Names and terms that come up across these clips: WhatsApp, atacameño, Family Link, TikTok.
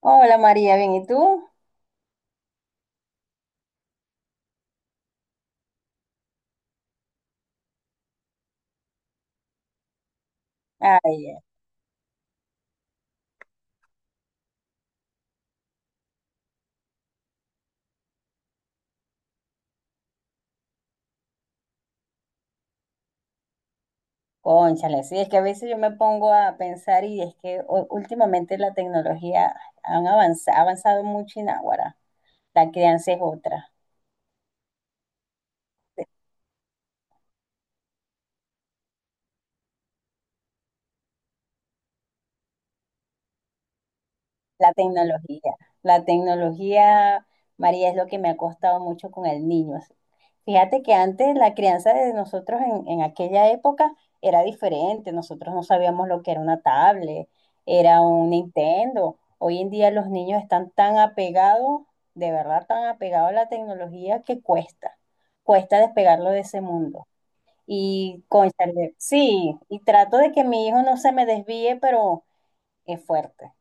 Hola María, bien, ¿y tú? Ay, cónchale, sí, es que a veces yo me pongo a pensar y es que últimamente la tecnología ha avanzado mucho y Águara, la crianza es otra. La tecnología. La tecnología, María, es lo que me ha costado mucho con el niño. Fíjate que antes la crianza de nosotros en aquella época era diferente. Nosotros no sabíamos lo que era una tablet, era un Nintendo. Hoy en día los niños están tan apegados, de verdad tan apegados a la tecnología que cuesta. Cuesta despegarlo de ese mundo. Y, cónchale, sí, y trato de que mi hijo no se me desvíe, pero es fuerte.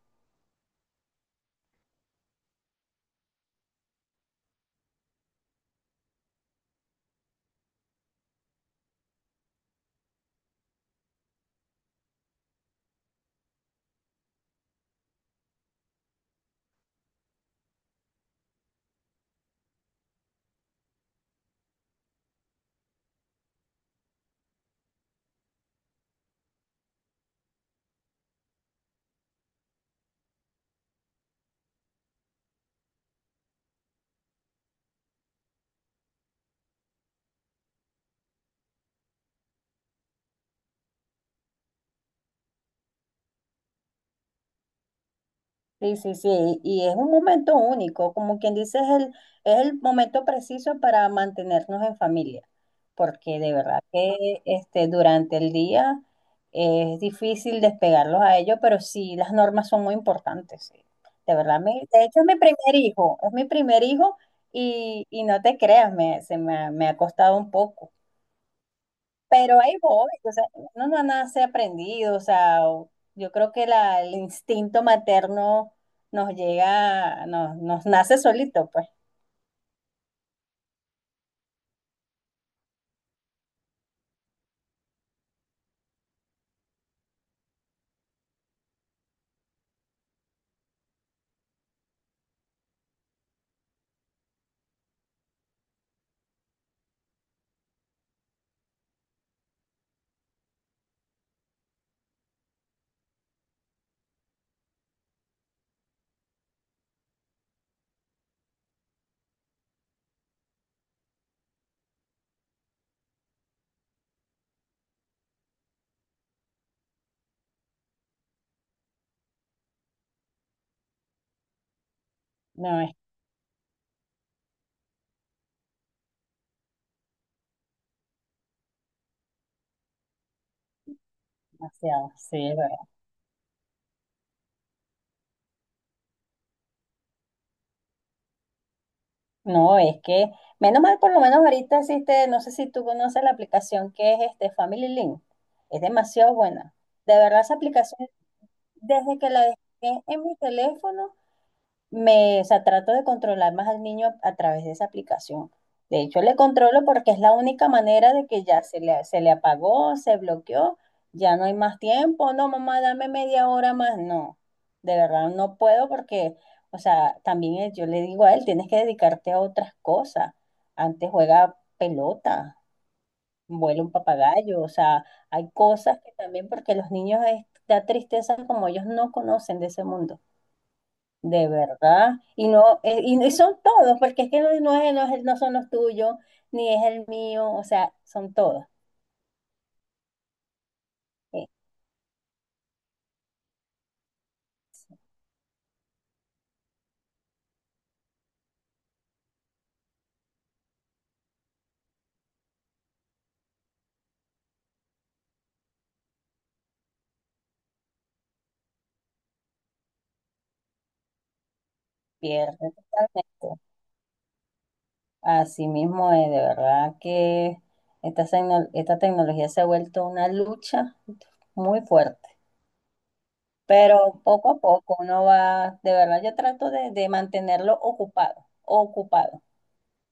Sí, sí, sí, y es un momento único, como quien dice, es el momento preciso para mantenernos en familia, porque de verdad que este, durante el día es difícil despegarlos a ellos, pero sí, las normas son muy importantes, sí. De verdad, de hecho es mi primer hijo, es mi primer hijo y no te creas, me ha costado un poco. Pero ahí voy, o sea, uno no nace aprendido, o sea, yo creo que el instinto materno nos llega, nos nace solito, pues. No es demasiado, sí, es verdad. No, es que, menos mal, por lo menos ahorita existe, no sé si tú conoces la aplicación que es este Family Link, es demasiado buena. De verdad, esa aplicación, desde que la dejé en mi teléfono, me, o sea, trato de controlar más al niño a través de esa aplicación. De hecho, le controlo porque es la única manera de que ya se le apagó, se bloqueó, ya no hay más tiempo. No, mamá, dame media hora más. No, de verdad no puedo porque, o sea, también yo le digo a él, tienes que dedicarte a otras cosas. Antes juega pelota, vuela un papagayo, o sea, hay cosas que también porque los niños es, da tristeza como ellos no conocen de ese mundo. De verdad. Y no, y son todos, porque es que no, no es, no son los tuyos, ni es el mío, o sea, son todos. Eh, pierde totalmente. Así mismo es, de verdad que esta tecnología se ha vuelto una lucha muy fuerte. Pero poco a poco uno va, de verdad, yo trato de mantenerlo ocupado, ocupado.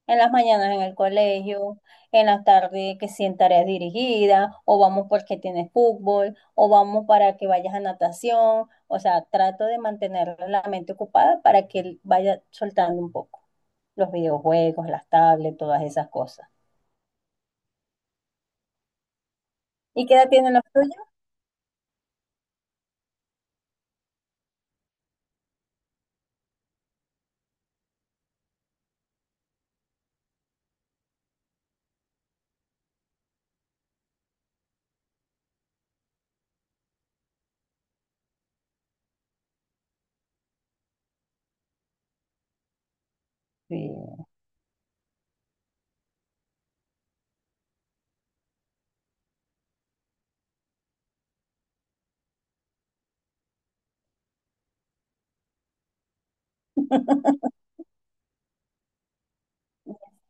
En las mañanas en el colegio, en las tardes que sí en tareas dirigidas, o vamos porque tienes fútbol, o vamos para que vayas a natación. O sea, trato de mantener la mente ocupada para que él vaya soltando un poco los videojuegos, las tablets, todas esas cosas. ¿Y qué edad tienen los tuyos? Sí.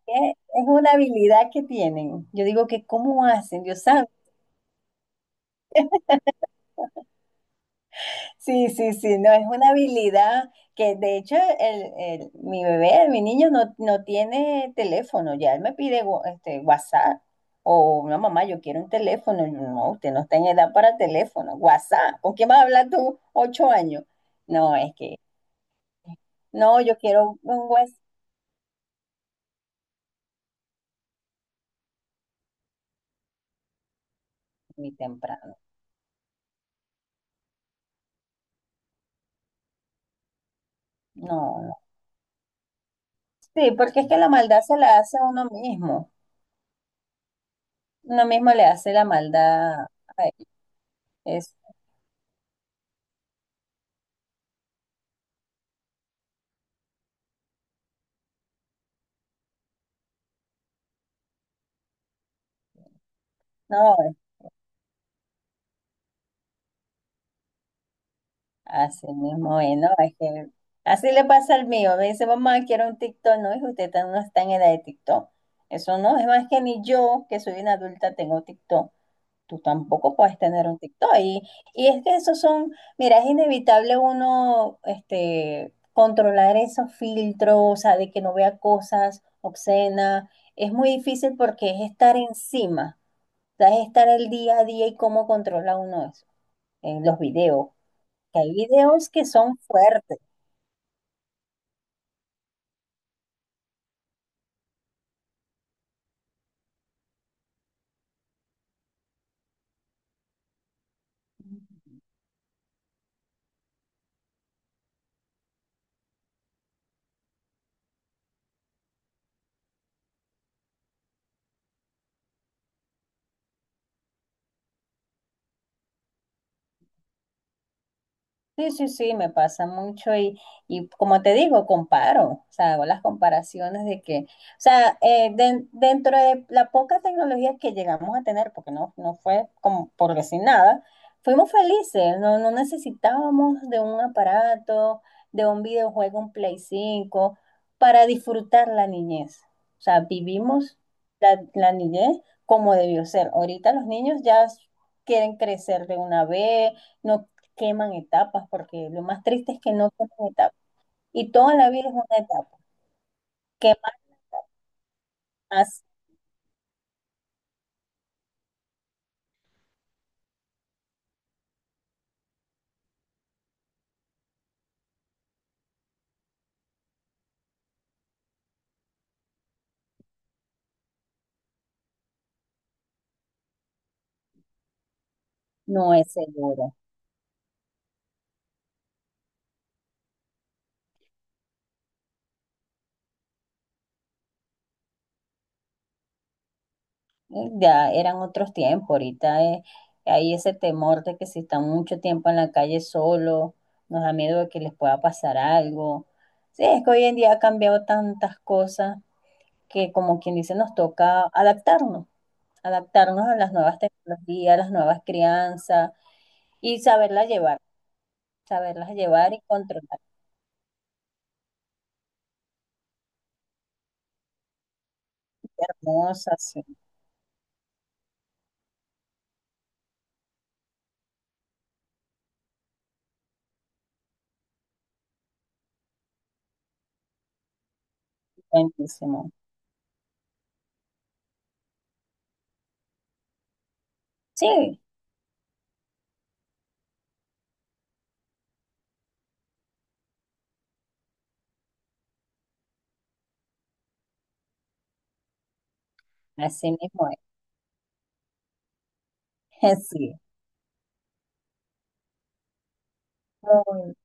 Es una habilidad que tienen. Yo digo que, ¿cómo hacen? Dios sabe. Sí, sí, sí, no, es una habilidad que de hecho mi bebé, mi niño no, no tiene teléfono, ya él me pide este, WhatsApp o no mamá, yo quiero un teléfono, yo, no, usted no está en edad para teléfono, WhatsApp, ¿con quién vas a hablar tú? 8 años. No, es que, no, yo quiero un WhatsApp muy temprano, no, no. Sí, porque es que la maldad se la hace a uno mismo le hace la maldad a él. Es, no, así mismo, es, ¿no? Es que así le pasa al mío. Me dice, mamá, quiero un TikTok. No, hijo, usted no está en edad de TikTok. Eso no, es más que ni yo, que soy una adulta, tengo TikTok. Tú tampoco puedes tener un TikTok. Y es que esos son, mira, es inevitable uno este, controlar esos filtros, o sea, de que no vea cosas obscenas. Es muy difícil porque es estar encima, o sea, es estar el día a día y cómo controla uno eso en los videos, que hay videos que son fuertes. Sí, sí, sí, me pasa mucho y como te digo, comparo, o sea, hago las comparaciones de que, o sea, dentro de la poca tecnología que llegamos a tener, porque no, no fue como por sin nada, fuimos felices, no, no necesitábamos de un aparato, de un videojuego, un Play 5 para disfrutar la niñez. O sea, vivimos la, la niñez como debió ser. Ahorita los niños ya quieren crecer de una vez. No queman etapas, porque lo más triste es que no queman etapas. Y toda la vida es una etapa. Quemar más no es seguro. Ya eran otros tiempos, ahorita hay ese temor de que si están mucho tiempo en la calle solo, nos da miedo de que les pueda pasar algo. Sí, es que hoy en día ha cambiado tantas cosas que como quien dice nos toca adaptarnos, adaptarnos a las nuevas tecnologías, a las nuevas crianzas y saberlas llevar y controlar. Hermosas, sí. Buenísimo. Sí, así mismo es. Sí. Muy-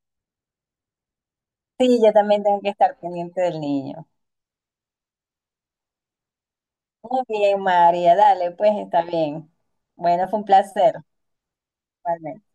Sí, yo también tengo que estar pendiente del niño. Muy bien, María, dale, pues está bien. Bueno, fue un placer. Igualmente.